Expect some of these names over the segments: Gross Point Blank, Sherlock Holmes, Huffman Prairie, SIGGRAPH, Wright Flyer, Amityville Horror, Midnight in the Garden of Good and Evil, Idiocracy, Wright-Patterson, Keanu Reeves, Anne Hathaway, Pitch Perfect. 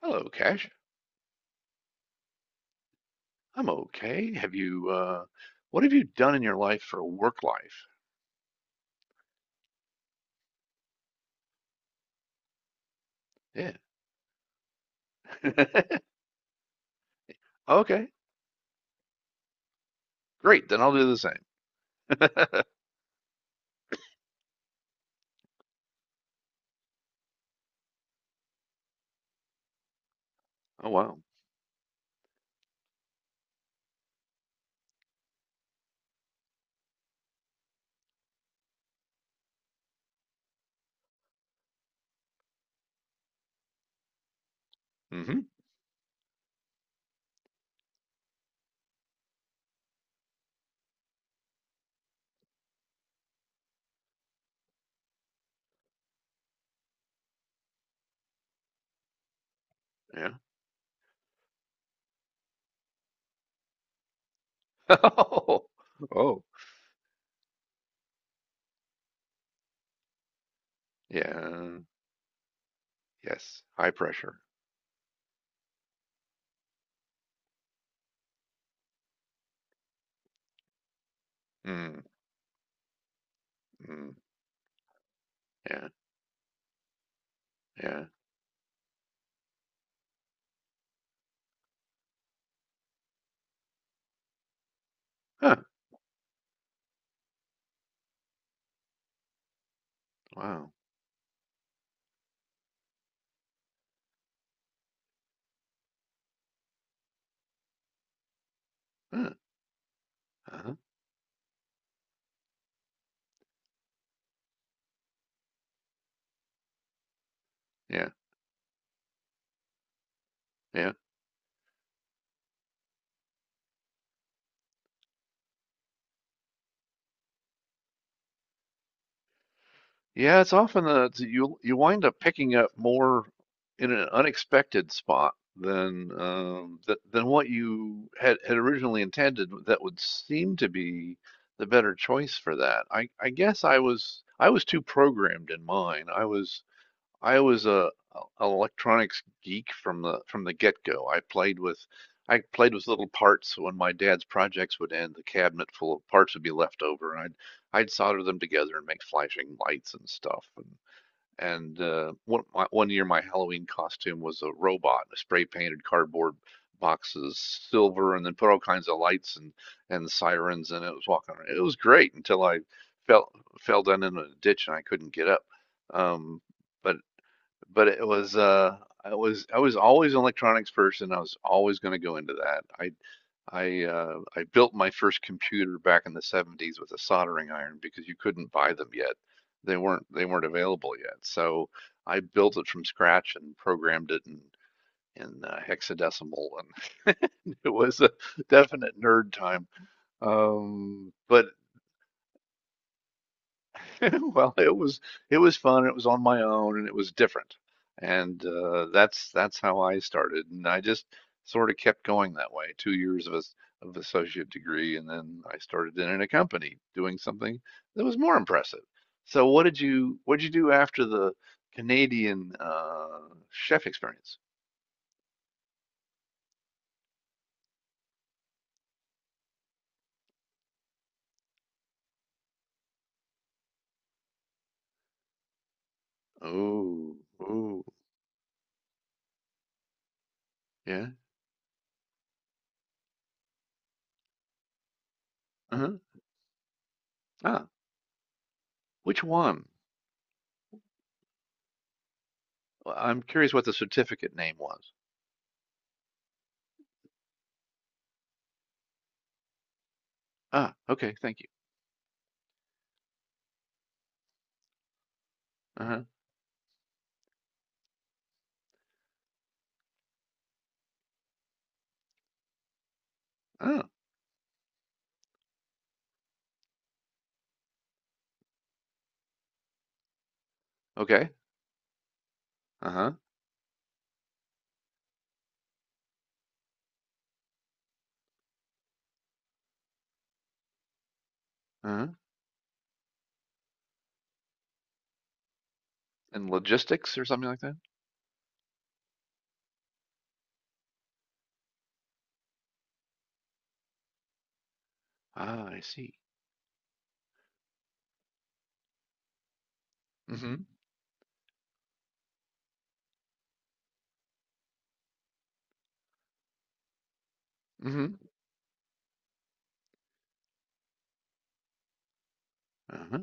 Hello, Cash. I'm okay. What have you done in your life for work life? Yeah. Okay. Great. Then I'll do the same. Oh, wow. Mm-hmm. Yeah. Oh, oh, yeah. Yes. High pressure. Mm, mm, yeah. Yeah. Huh. Wow. Huh. Uh-huh. Yeah. Yeah. Yeah, it's often a, it's- you wind up picking up more in an unexpected spot than what you had had originally intended. That would seem to be the better choice for that. I guess I was too programmed in mine. I was a electronics geek from the get-go. I played with little parts. When my dad's projects would end, the cabinet full of parts would be left over, and I'd solder them together and make flashing lights and stuff. And 1 year, my Halloween costume was a robot. I spray painted cardboard boxes silver, and then put all kinds of lights and sirens, and it was walking around. It was great until I fell fell down in a ditch and I couldn't get up. Um, but but it was I was always an electronics person. I was always going to go into that. I I built my first computer back in the 70s with a soldering iron because you couldn't buy them yet. They weren't available yet. So I built it from scratch and programmed it in hexadecimal, and it was a definite nerd time. But Well, it was fun. It was on my own, and it was different. And that's how I started, and I just sort of kept going that way. 2 years of associate degree, and then I started in a company doing something that was more impressive. So, what did you do after the Canadian chef experience? Oh, oh, yeah. Uh-huh. Ah, which one? Well, I'm curious what the certificate name was. Ah, okay, thank you. Uh-huh. Ah, okay. Uh-huh. Uh-huh. And logistics or something like that? Ah, I see. Mm-hmm. Mm-hmm. Uh-huh.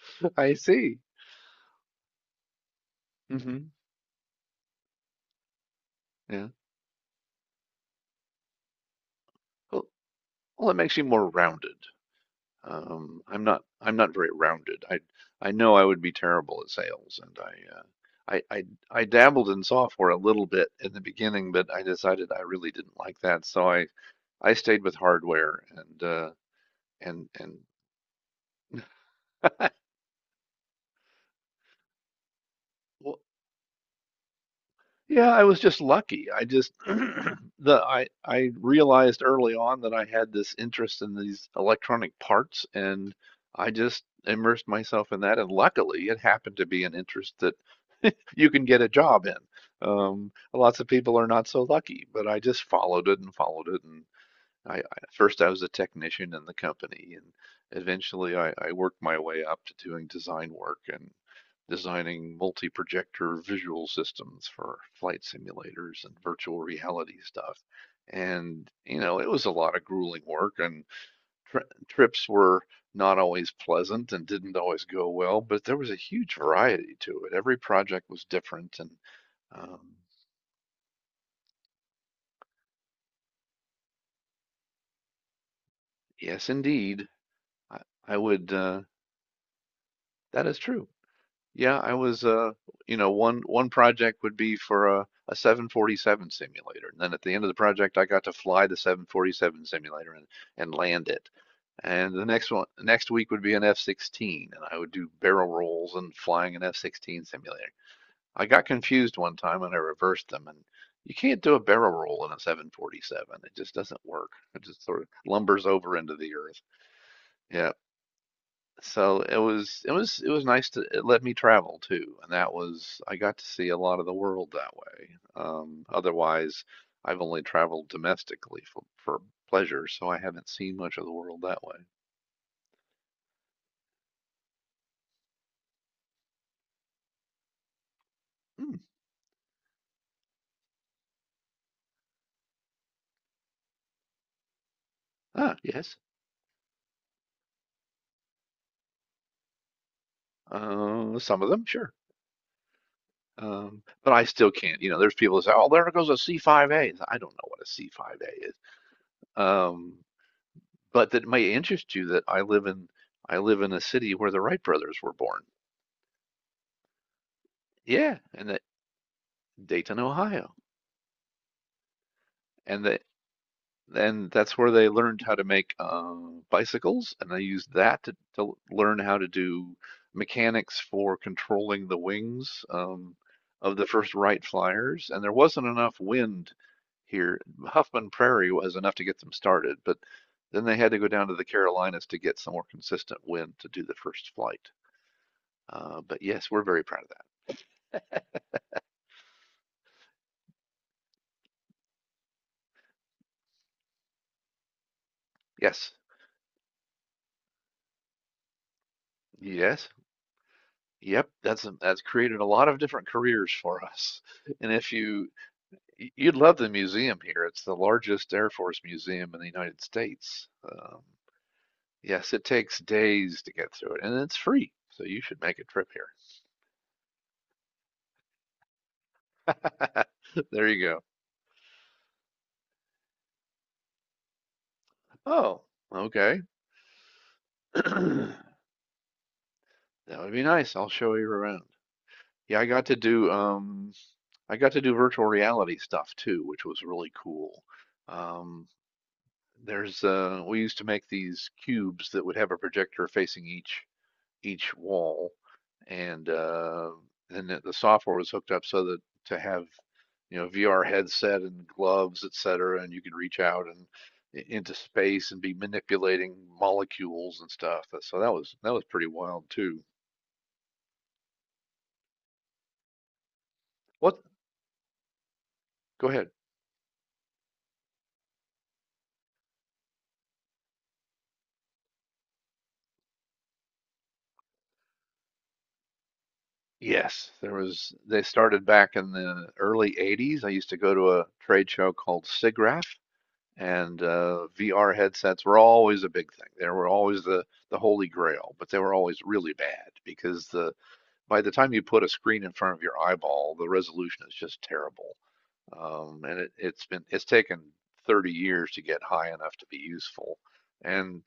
I see. Mm-hmm. Yeah. Well, it makes you more rounded. I'm not very rounded. I know I would be terrible at sales, and I dabbled in software a little bit in the beginning, but I decided I really didn't like that, so I stayed with hardware and well, yeah, I was just lucky. I just the I realized early on that I had this interest in these electronic parts, and I just immersed myself in that, and luckily it happened to be an interest that you can get a job in. Lots of people are not so lucky, but I just followed it and followed it, and I first I was a technician in the company, and eventually I worked my way up to doing design work and designing multi-projector visual systems for flight simulators and virtual reality stuff. And, it was a lot of grueling work, and tri trips were not always pleasant and didn't always go well, but there was a huge variety to it. Every project was different, and um, yes, indeed, I, I would, uh, that is true. Yeah, I was you know one one project would be for a 747 simulator. And then at the end of the project I got to fly the 747 simulator and land it. And the next one, next week, would be an F-16, and I would do barrel rolls and flying an F-16 simulator. I got confused one time and I reversed them, and you can't do a barrel roll in a 747. It just doesn't work. It just sort of lumbers over into the earth. Yeah, so it was nice to it let me travel too, and that was I got to see a lot of the world that way. Otherwise, I've only traveled domestically for pleasure, so I haven't seen much of the world that way. Hmm. Ah, yes. Some of them, sure. But I still can't. There's people that say, "Oh, there goes a C5A." I don't know what a C5A is. Um, but that may interest you that I live in a city where the Wright brothers were born. Yeah, and that Dayton, Ohio. and they and that's where they learned how to make bicycles, and they used that to learn how to do mechanics for controlling the wings of the first Wright Flyers. And there wasn't enough wind here. Huffman Prairie was enough to get them started, but then they had to go down to the Carolinas to get some more consistent wind to do the first flight. But yes, we're very proud of that. Yes, yes, yep. That's created a lot of different careers for us. And if You'd love the museum here. It's the largest Air Force museum in the United States. Yes, it takes days to get through it, and it's free, so you should make a trip here. There you go. Oh, okay. That would be nice. I'll show you around. Yeah, I got to do I got to do virtual reality stuff too, which was really cool. Um, there's we used to make these cubes that would have a projector facing each wall. And then the software was hooked up so that to have, VR headset and gloves, et cetera, and you could reach out and into space and be manipulating molecules and stuff. So that was pretty wild too. What? Go ahead. Yes, there was. They started back in the early 80s. I used to go to a trade show called SIGGRAPH, and VR headsets were always a big thing. They were always the holy grail, but they were always really bad because the by the time you put a screen in front of your eyeball, the resolution is just terrible. And it, it's been it's taken 30 years to get high enough to be useful. And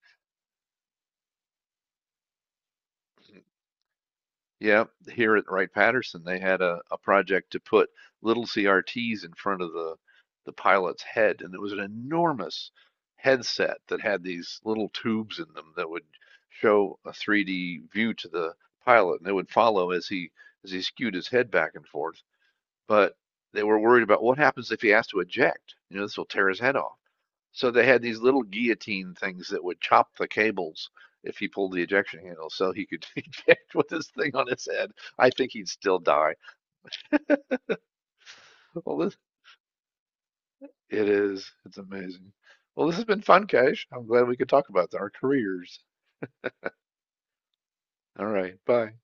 yep, here at Wright-Patterson, they had a project to put little CRTs in front of the pilot's head, and it was an enormous headset that had these little tubes in them that would show a 3D view to the pilot, and they would follow as he skewed his head back and forth. But they were worried about what happens if he has to eject. This will tear his head off. So they had these little guillotine things that would chop the cables if he pulled the ejection handle, so he could eject with this thing on his head. I think he'd still die. Well, it is. It's amazing. Well, this has been fun, Cash. I'm glad we could talk about our careers. All right, bye.